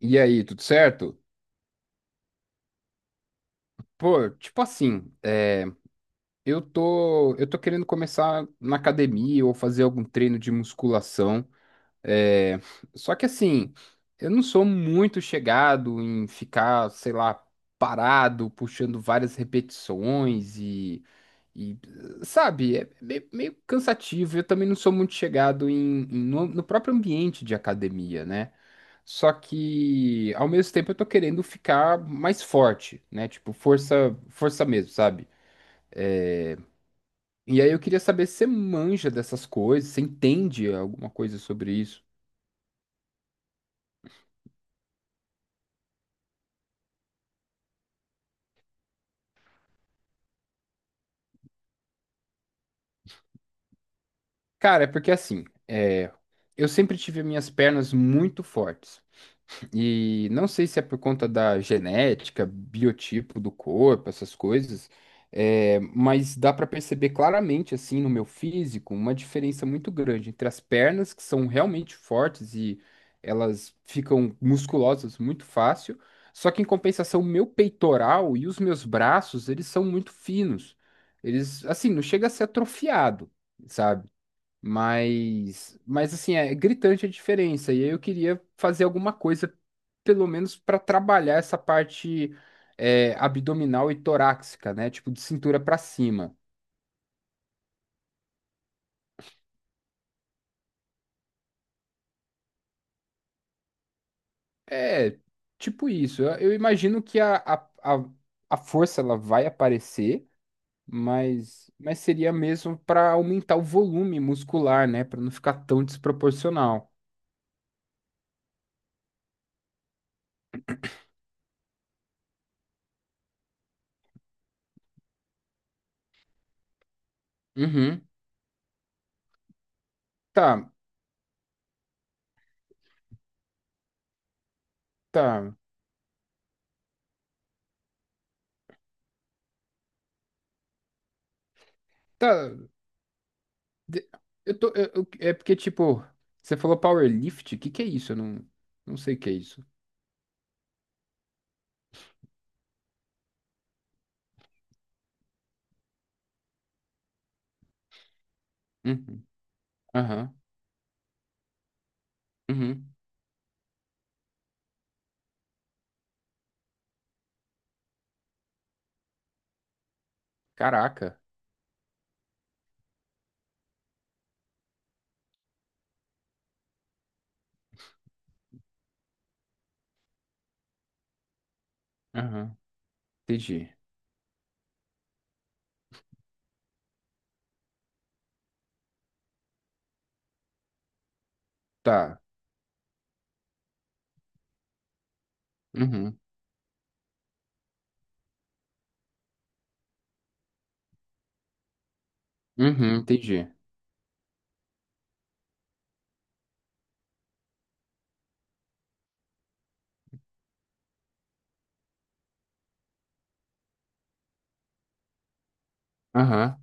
E aí, tudo certo? Pô, tipo assim, eu tô querendo começar na academia ou fazer algum treino de musculação. é, Só que assim, eu não sou muito chegado em ficar, sei lá, parado, puxando várias repetições e, sabe, é meio cansativo. Eu também não sou muito chegado no próprio ambiente de academia, né? Só que ao mesmo tempo eu tô querendo ficar mais forte, né? Tipo, força mesmo, sabe? E aí eu queria saber se você manja dessas coisas, você entende alguma coisa sobre isso? Cara, é porque assim, é, eu sempre tive minhas pernas muito fortes. E não sei se é por conta da genética, biotipo do corpo, essas coisas, é, mas dá para perceber claramente, assim, no meu físico, uma diferença muito grande entre as pernas, que são realmente fortes e elas ficam musculosas muito fácil, só que em compensação, meu peitoral e os meus braços, eles são muito finos. Eles, assim, não chega a ser atrofiado, sabe? Mas assim, é gritante a diferença. E aí eu queria fazer alguma coisa, pelo menos para trabalhar essa parte abdominal e torácica, né? Tipo, de cintura para cima. É, tipo isso. Eu imagino que a, a força ela vai aparecer, mas seria mesmo para aumentar o volume muscular, né? Para não ficar tão desproporcional. Uhum. Tá, tá. Tá. De- Eu tô, é porque, tipo, você falou powerlift? O que que é isso? Eu não, não sei o que é isso. Uhum. Aham. Uhum. Caraca. Aham. Entendi. Tá. Uhum. Uhum. Entendi. Aham.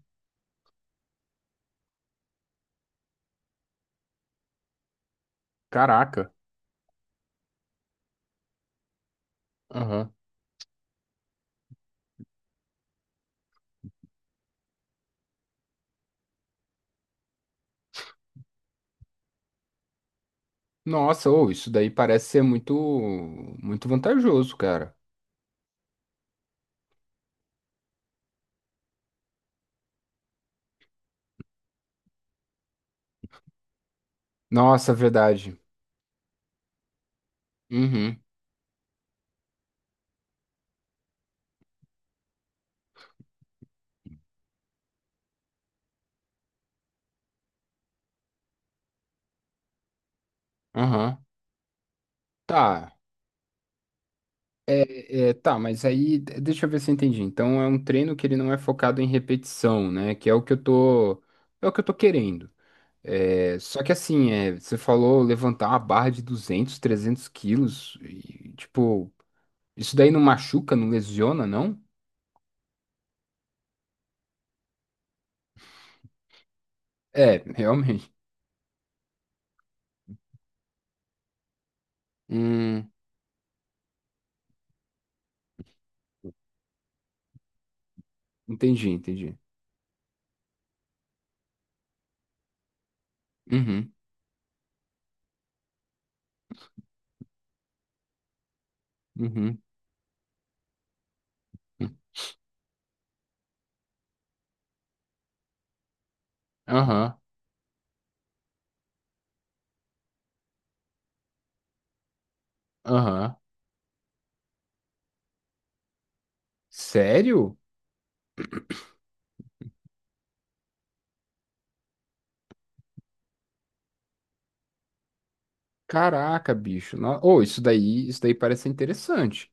Caraca. Aham. Nossa, ou isso daí parece ser muito vantajoso, cara. Nossa, é verdade. Uhum. Aham. Tá. Tá, mas aí deixa eu ver se eu entendi. Então é um treino que ele não é focado em repetição, né? Que é o que eu tô, é o que eu tô querendo. É, só que assim, é, você falou levantar uma barra de duzentos trezentos quilos e tipo, isso daí não machuca, não lesiona, não? É, realmente. Hum, entendi. Uhum, uhum. hum. Aham, aham. Sério? Caraca, bicho. Ô, isso daí parece interessante.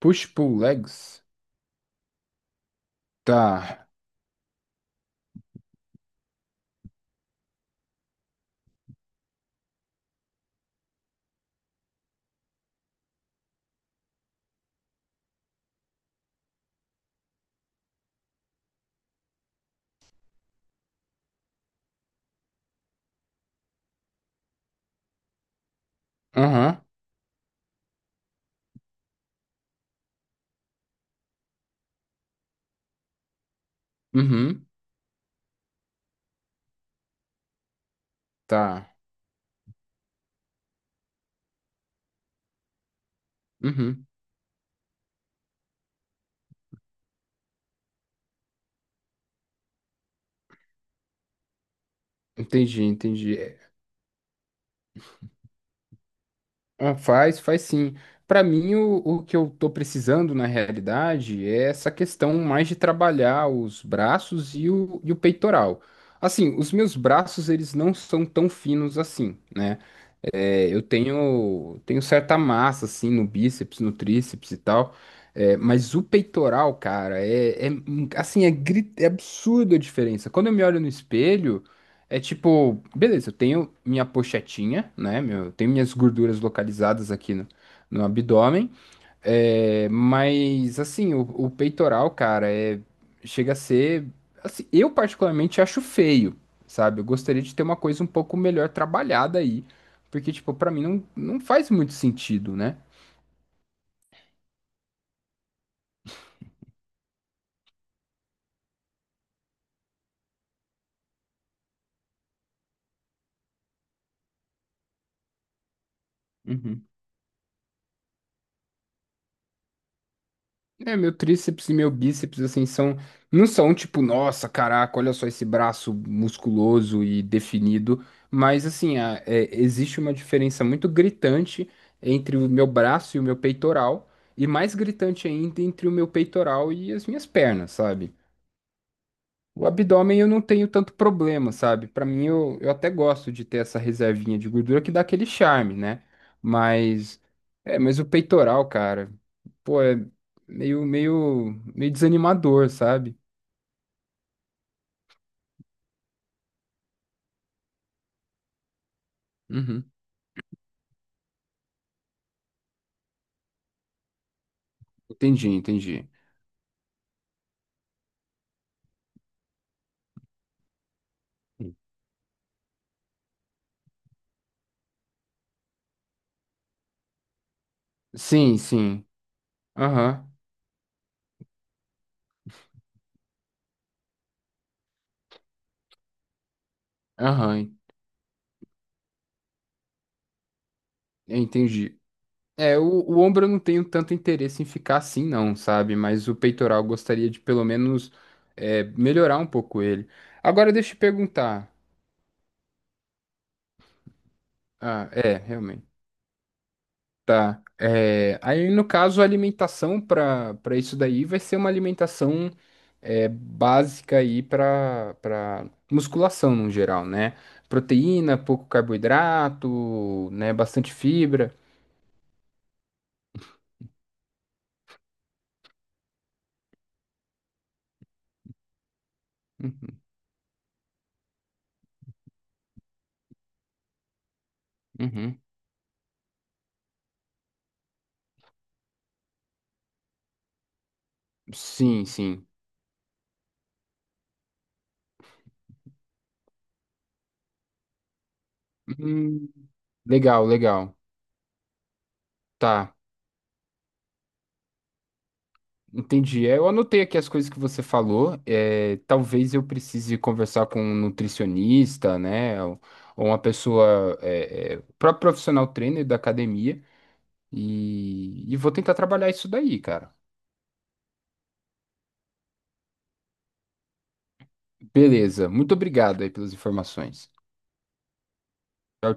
Push-pull legs. Tá. Aham. Uhum. Tá. Uhum. Entendi. É, ah, faz sim. Pra mim, o que eu tô precisando na realidade é essa questão mais de trabalhar os braços e o peitoral. Assim, os meus braços, eles não são tão finos assim, né? É, tenho certa massa, assim, no bíceps, no tríceps e tal. É, mas o peitoral, cara, assim, é absurda a diferença. Quando eu me olho no espelho, é tipo, beleza, eu tenho minha pochetinha, né? Meu, eu tenho minhas gorduras localizadas aqui no abdômen. É, mas assim, o peitoral, cara, é, chega a ser. Assim, eu particularmente acho feio, sabe? Eu gostaria de ter uma coisa um pouco melhor trabalhada aí. Porque, tipo, pra mim não faz muito sentido, né? Uhum. É, meu tríceps e meu bíceps, assim, são, não são tipo, nossa, caraca, olha só esse braço musculoso e definido, mas assim, é, existe uma diferença muito gritante entre o meu braço e o meu peitoral, e mais gritante ainda entre o meu peitoral e as minhas pernas, sabe? O abdômen eu não tenho tanto problema, sabe? Pra mim, eu até gosto de ter essa reservinha de gordura que dá aquele charme, né? Mas, é, mas o peitoral, cara, pô, é meio desanimador, sabe? Uhum. Entendi. Sim, sim. Aham, aham, entendi. É, o ombro eu não tenho tanto interesse em ficar assim, não, sabe? Mas o peitoral eu gostaria de pelo menos é, melhorar um pouco ele. Agora deixa eu te perguntar. Ah, é, realmente. Tá. É, aí, no caso, a alimentação para isso daí vai ser uma alimentação é, básica aí para musculação no geral, né? Proteína, pouco carboidrato, né? Bastante fibra. Uhum, uhum. Sim, sim. Hum, legal. Tá. Entendi. É, eu anotei aqui as coisas que você falou. É, talvez eu precise conversar com um nutricionista, né? Ou, uma pessoa, o próprio profissional trainer da academia. E vou tentar trabalhar isso daí, cara. Beleza. Muito obrigado aí pelas informações. Tchau,